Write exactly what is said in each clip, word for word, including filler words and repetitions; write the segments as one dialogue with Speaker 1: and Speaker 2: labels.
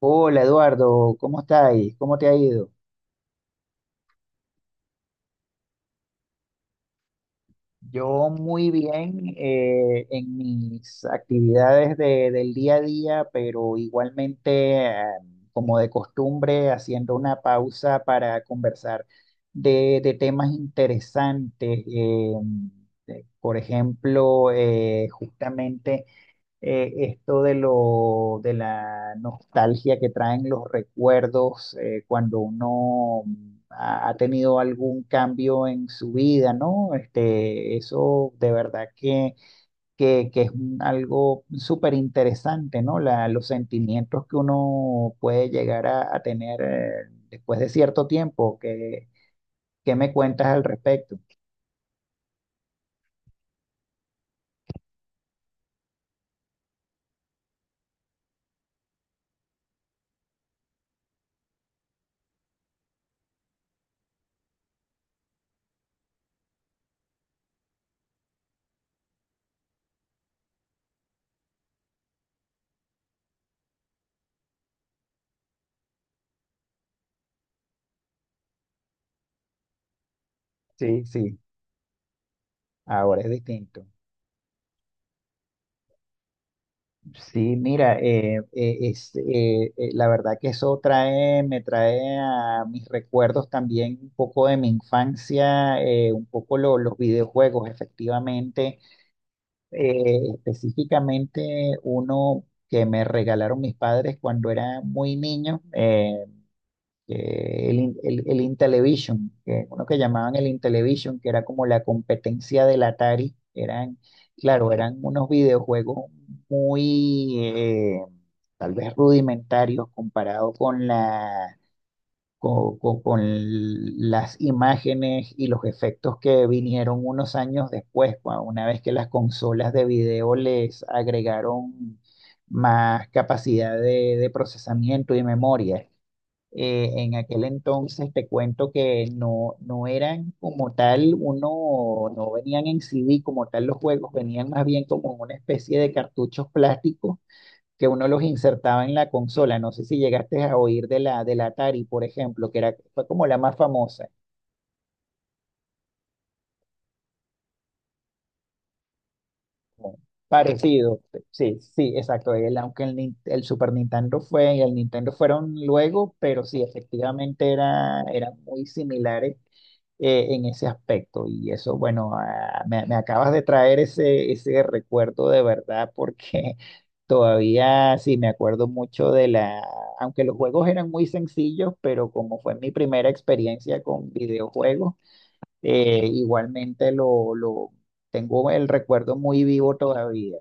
Speaker 1: Hola Eduardo, ¿cómo estáis? ¿Cómo te ha ido? Yo muy bien, eh, en mis actividades de- del día a día, pero igualmente, eh, como de costumbre, haciendo una pausa para conversar de, de temas interesantes. Eh, de- por ejemplo, eh, justamente eh, esto de lo, de la nostalgia que traen los recuerdos, eh, cuando uno mm, ha, ha tenido algún cambio en su vida, ¿no? Este, eso de verdad que, que, que es un- algo súper interesante, ¿no? La, los sentimientos que uno puede llegar a, a tener, eh, después de cierto tiempo. ¿Qué, ¿qué me cuentas al respecto? Sí, sí, ahora es distinto. Sí, mira, eh, eh, es, eh, eh, la verdad que eso trae, me trae a mis recuerdos también un poco de mi infancia, eh, un poco lo- los videojuegos, efectivamente, eh, específicamente uno que me regalaron mis padres cuando era muy niño. Eh, que el, In- el, El Intellivision, que uno que llamaban el Intellivision, que era como la competencia del Atari, eran, claro, eran unos videojuegos muy, eh, tal vez rudimentarios comparado con la, con, con- con las imágenes y los efectos que vinieron unos años después, cua- una vez que las consolas de video les agregaron más capacidad de de procesamiento y memoria. Eh, en aquel entonces te cuento que no, no eran como tal, uno, no venían en C D como tal los juegos, venían más bien como en una especie de cartuchos plásticos que uno los insertaba en la consola. No sé si llegaste a oír de la, de la Atari, por ejemplo, que era, fue como la más famosa. Como parecido, sí, sí, exacto. El, aunque el, Nin- el Super Nintendo fue y el Nintendo fueron luego, pero sí, efectivamente era, eran muy similares eh, en ese aspecto. Y eso, bueno, ah, me, me acabas de traer ese, ese recuerdo de verdad porque todavía sí me acuerdo mucho de la, aunque los juegos eran muy sencillos, pero como fue mi primera experiencia con videojuegos, eh, igualmente lo, lo tengo, el recuerdo muy vivo todavía.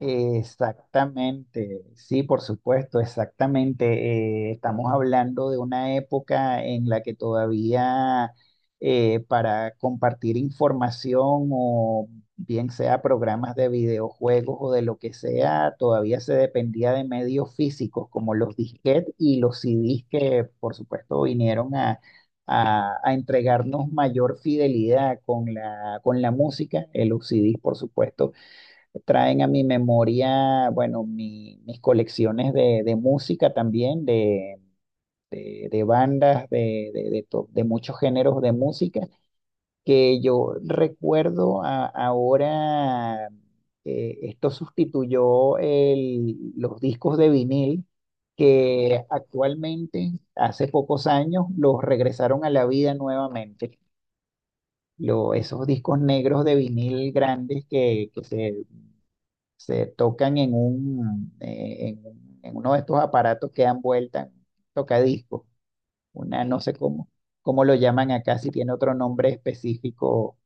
Speaker 1: Exactamente, sí, por supuesto, exactamente. Eh, estamos hablando de una época en la que todavía, eh, para compartir información o bien sea programas de videojuegos o de lo que sea, todavía se dependía de medios físicos como los disquetes y los C Ds que por supuesto vinieron a, a- a entregarnos mayor fidelidad con la, con la música. Eh, Los C Ds, por supuesto, traen a mi memoria, bueno, mi- mis colecciones de, de música también, de, de, de bandas, de, de, de to- de muchos géneros de música, que yo recuerdo a- ahora, eh, esto sustituyó el- los discos de vinil, que actualmente, hace pocos años, los regresaron a la vida nuevamente. Lo- esos discos negros de vinil grandes que, que se se tocan en un, eh, en, un- en uno de estos aparatos que dan vuelta, un tocadiscos, una, no sé cómo, cómo lo llaman acá, si tiene otro nombre específico.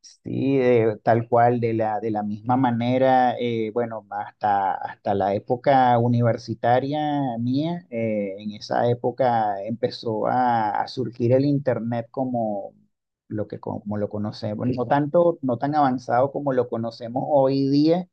Speaker 1: Sí, de- tal cual, de la, de la misma manera, eh, bueno, hasta, hasta la época universitaria mía. Eh, en esa época empezó a, a surgir el internet como... lo que, como lo conocemos, no tanto, no tan avanzado como lo conocemos hoy día,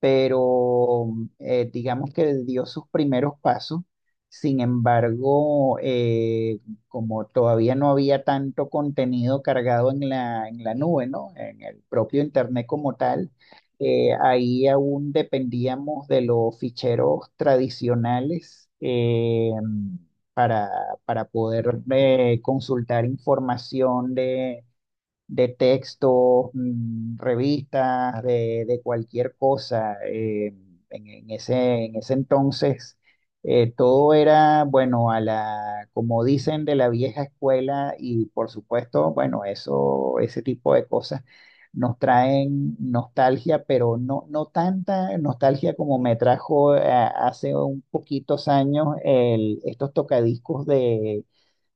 Speaker 1: pero, eh, digamos que él dio sus primeros pasos. Sin embargo, eh, como todavía no había tanto contenido cargado en la, en la nube, ¿no? En el propio Internet como tal, eh, ahí aún dependíamos de los ficheros tradicionales, eh, para, para poder eh, consultar información de texto, mm, revistas, de, de cualquier cosa. Eh, en, en ese, en ese entonces, eh, todo era, bueno, a la, como dicen, de la vieja escuela. Y por supuesto, bueno, eso, ese tipo de cosas nos traen nostalgia, pero no, no tanta nostalgia como me trajo, eh, hace un poquitos años, el, estos tocadiscos de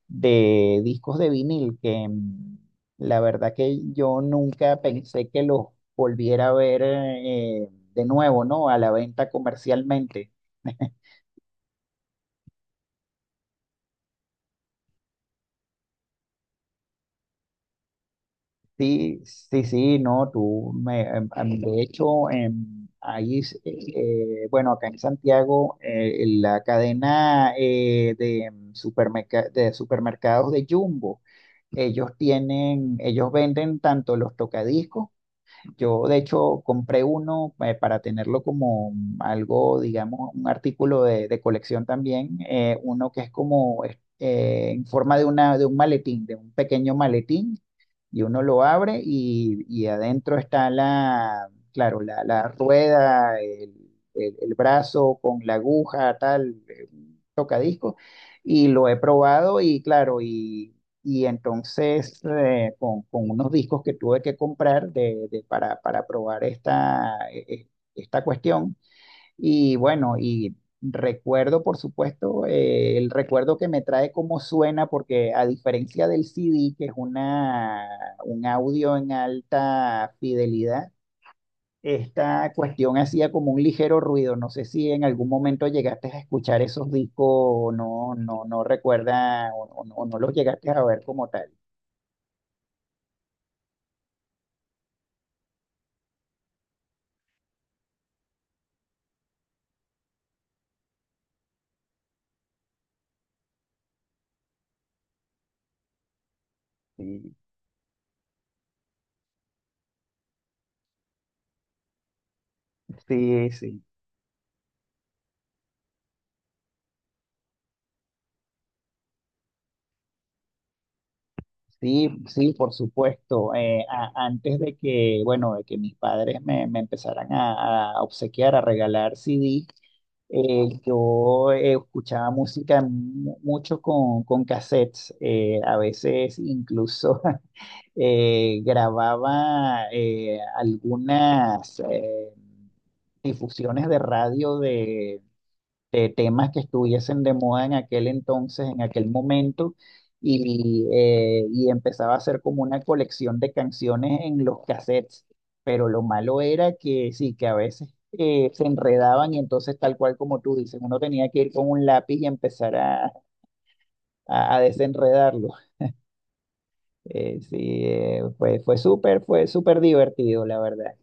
Speaker 1: de discos de vinil, que mm, la verdad que yo nunca pensé que los volviera a ver, eh, de nuevo, ¿no? A la venta comercialmente. Sí, sí, sí, no, tú, me, em, em, de hecho, em, ahí, s- eh, eh, bueno, acá en Santiago, eh, la cadena eh, de, em, supermerca- de supermercados de Jumbo, ellos tienen, ellos venden tanto los tocadiscos. Yo, de hecho, compré uno, eh, para tenerlo como algo, digamos, un artículo de, de colección también, eh, uno que es como, eh, en forma de, una, de un maletín, de un pequeño maletín, y uno lo abre y, y adentro está la, claro, la, la rueda, el, el- el brazo con la aguja, tal, eh, un tocadisco, y lo he probado y claro, y, y entonces, eh, con, con unos discos que tuve que comprar de, de- para, para probar esta, e- e- esta cuestión. Y bueno, y recuerdo, por supuesto, eh, el recuerdo que me trae cómo suena, porque a diferencia del C D, que es una, un audio en alta fidelidad, esta cuestión hacía como un ligero ruido. No sé si en algún momento llegaste a escuchar esos discos o no, no, no recuerda, o, o no, o no los llegaste a ver como tal. Sí, sí, sí. Sí, sí, por supuesto. Eh, a- antes de que, bueno, de que mis padres me, me empezaran a, a obsequiar, a regalar C D, eh, yo eh, escuchaba música mu- mucho con, con cassettes. Eh, a veces incluso eh, grababa eh, algunas eh, difusiones de radio de temas que estuviesen de moda en aquel entonces, en aquel momento, y, eh, y empezaba a hacer como una colección de canciones en los cassettes. Pero lo malo era que sí, que a veces eh, se enredaban y entonces tal cual como tú dices, uno tenía que ir con un lápiz y empezar a, a, a desenredarlo. Eh, sí, eh, fue, fue súper, fue súper divertido, la verdad.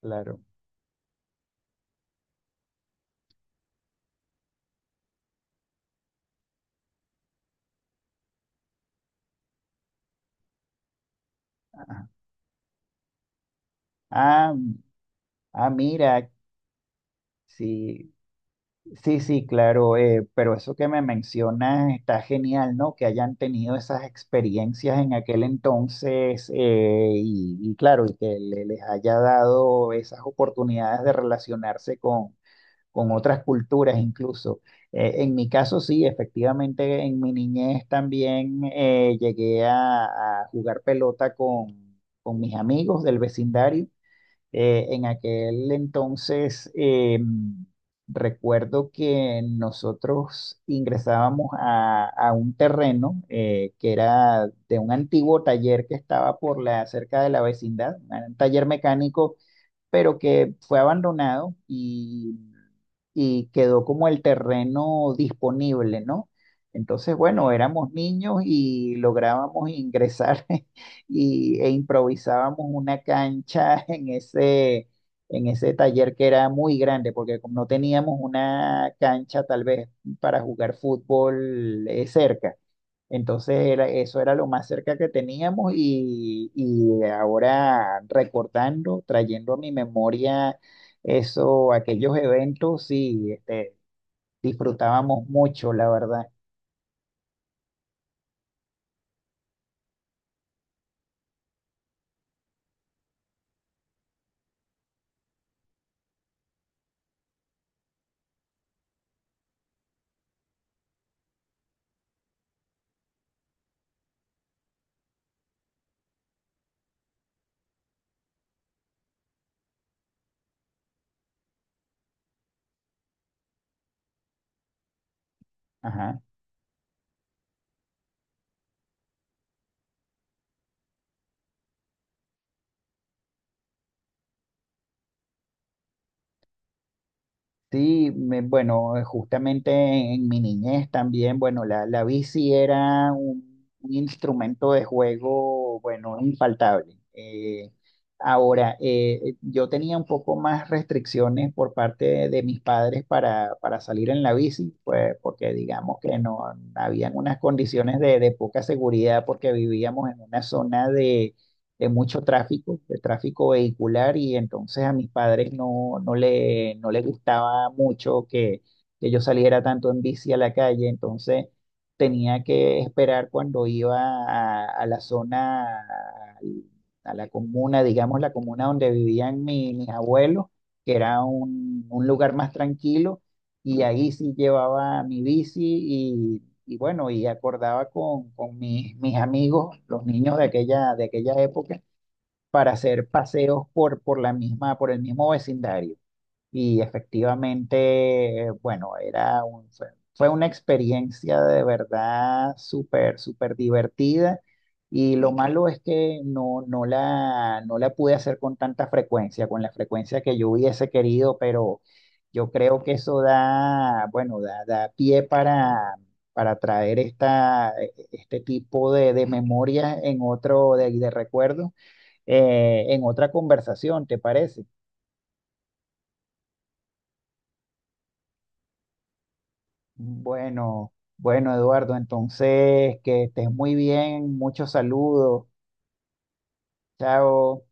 Speaker 1: Claro. Ajá. Ah, ah, mira, sí. Sí, sí, claro, eh, pero eso que me mencionas está genial, ¿no? Que hayan tenido esas experiencias en aquel entonces, eh, y, y claro, y que le- les haya dado esas oportunidades de relacionarse con, con otras culturas incluso. Eh, en mi caso, sí, efectivamente, en mi niñez también eh, llegué a, a jugar pelota con, con mis amigos del vecindario. Eh, en aquel entonces, eh, recuerdo que nosotros ingresábamos a, a un terreno eh, que era de un antiguo taller que estaba por la, cerca de la vecindad, un taller mecánico, pero que fue abandonado y, y quedó como el terreno disponible, ¿no? Entonces, bueno, éramos niños y lográbamos ingresar y, e improvisábamos una cancha en ese, en ese taller que era muy grande, porque como no teníamos una cancha tal vez para jugar fútbol eh, cerca. Entonces era, eso era lo más cerca que teníamos, y, y ahora recordando, trayendo a mi memoria eso, aquellos eventos, sí, este, disfrutábamos mucho, la verdad. Ajá. Sí, me- bueno, eh, justamente en mi niñez también, bueno, la, la bici era un, un instrumento de juego, bueno, infaltable. Eh, ahora, eh, yo tenía un poco más restricciones por parte de, de mis padres para, para salir en la bici, pues porque digamos que no habían unas condiciones de, de poca seguridad porque vivíamos en una zona de mucho tráfico, de tráfico vehicular, y entonces a mis padres no, no le, no les gustaba mucho que, que yo saliera tanto en bici a la calle. Entonces tenía que esperar cuando iba a, a la zona, al- a la comuna, digamos la comuna donde vivían mi- mis abuelos, que era un, un lugar más tranquilo, y ahí sí llevaba mi bici y... y bueno, y acordaba con, con mis, mis amigos, los niños de aquella, de aquella época, para hacer paseos por, por la misma, por el mismo vecindario. Y efectivamente, eh, bueno, era un, fue, fue una experiencia de verdad súper, súper divertida. Y lo malo es que no, no la, no la pude hacer con tanta frecuencia, con la frecuencia que yo hubiese querido, pero yo creo que eso da, bueno, da, da pie para, para traer esta, e, e, este tipo de, de memorias en otro, de, de recuerdos, eh, en otra conversación, ¿te parece? Bueno, bueno, Eduardo, entonces que estés muy bien, muchos saludos, chao.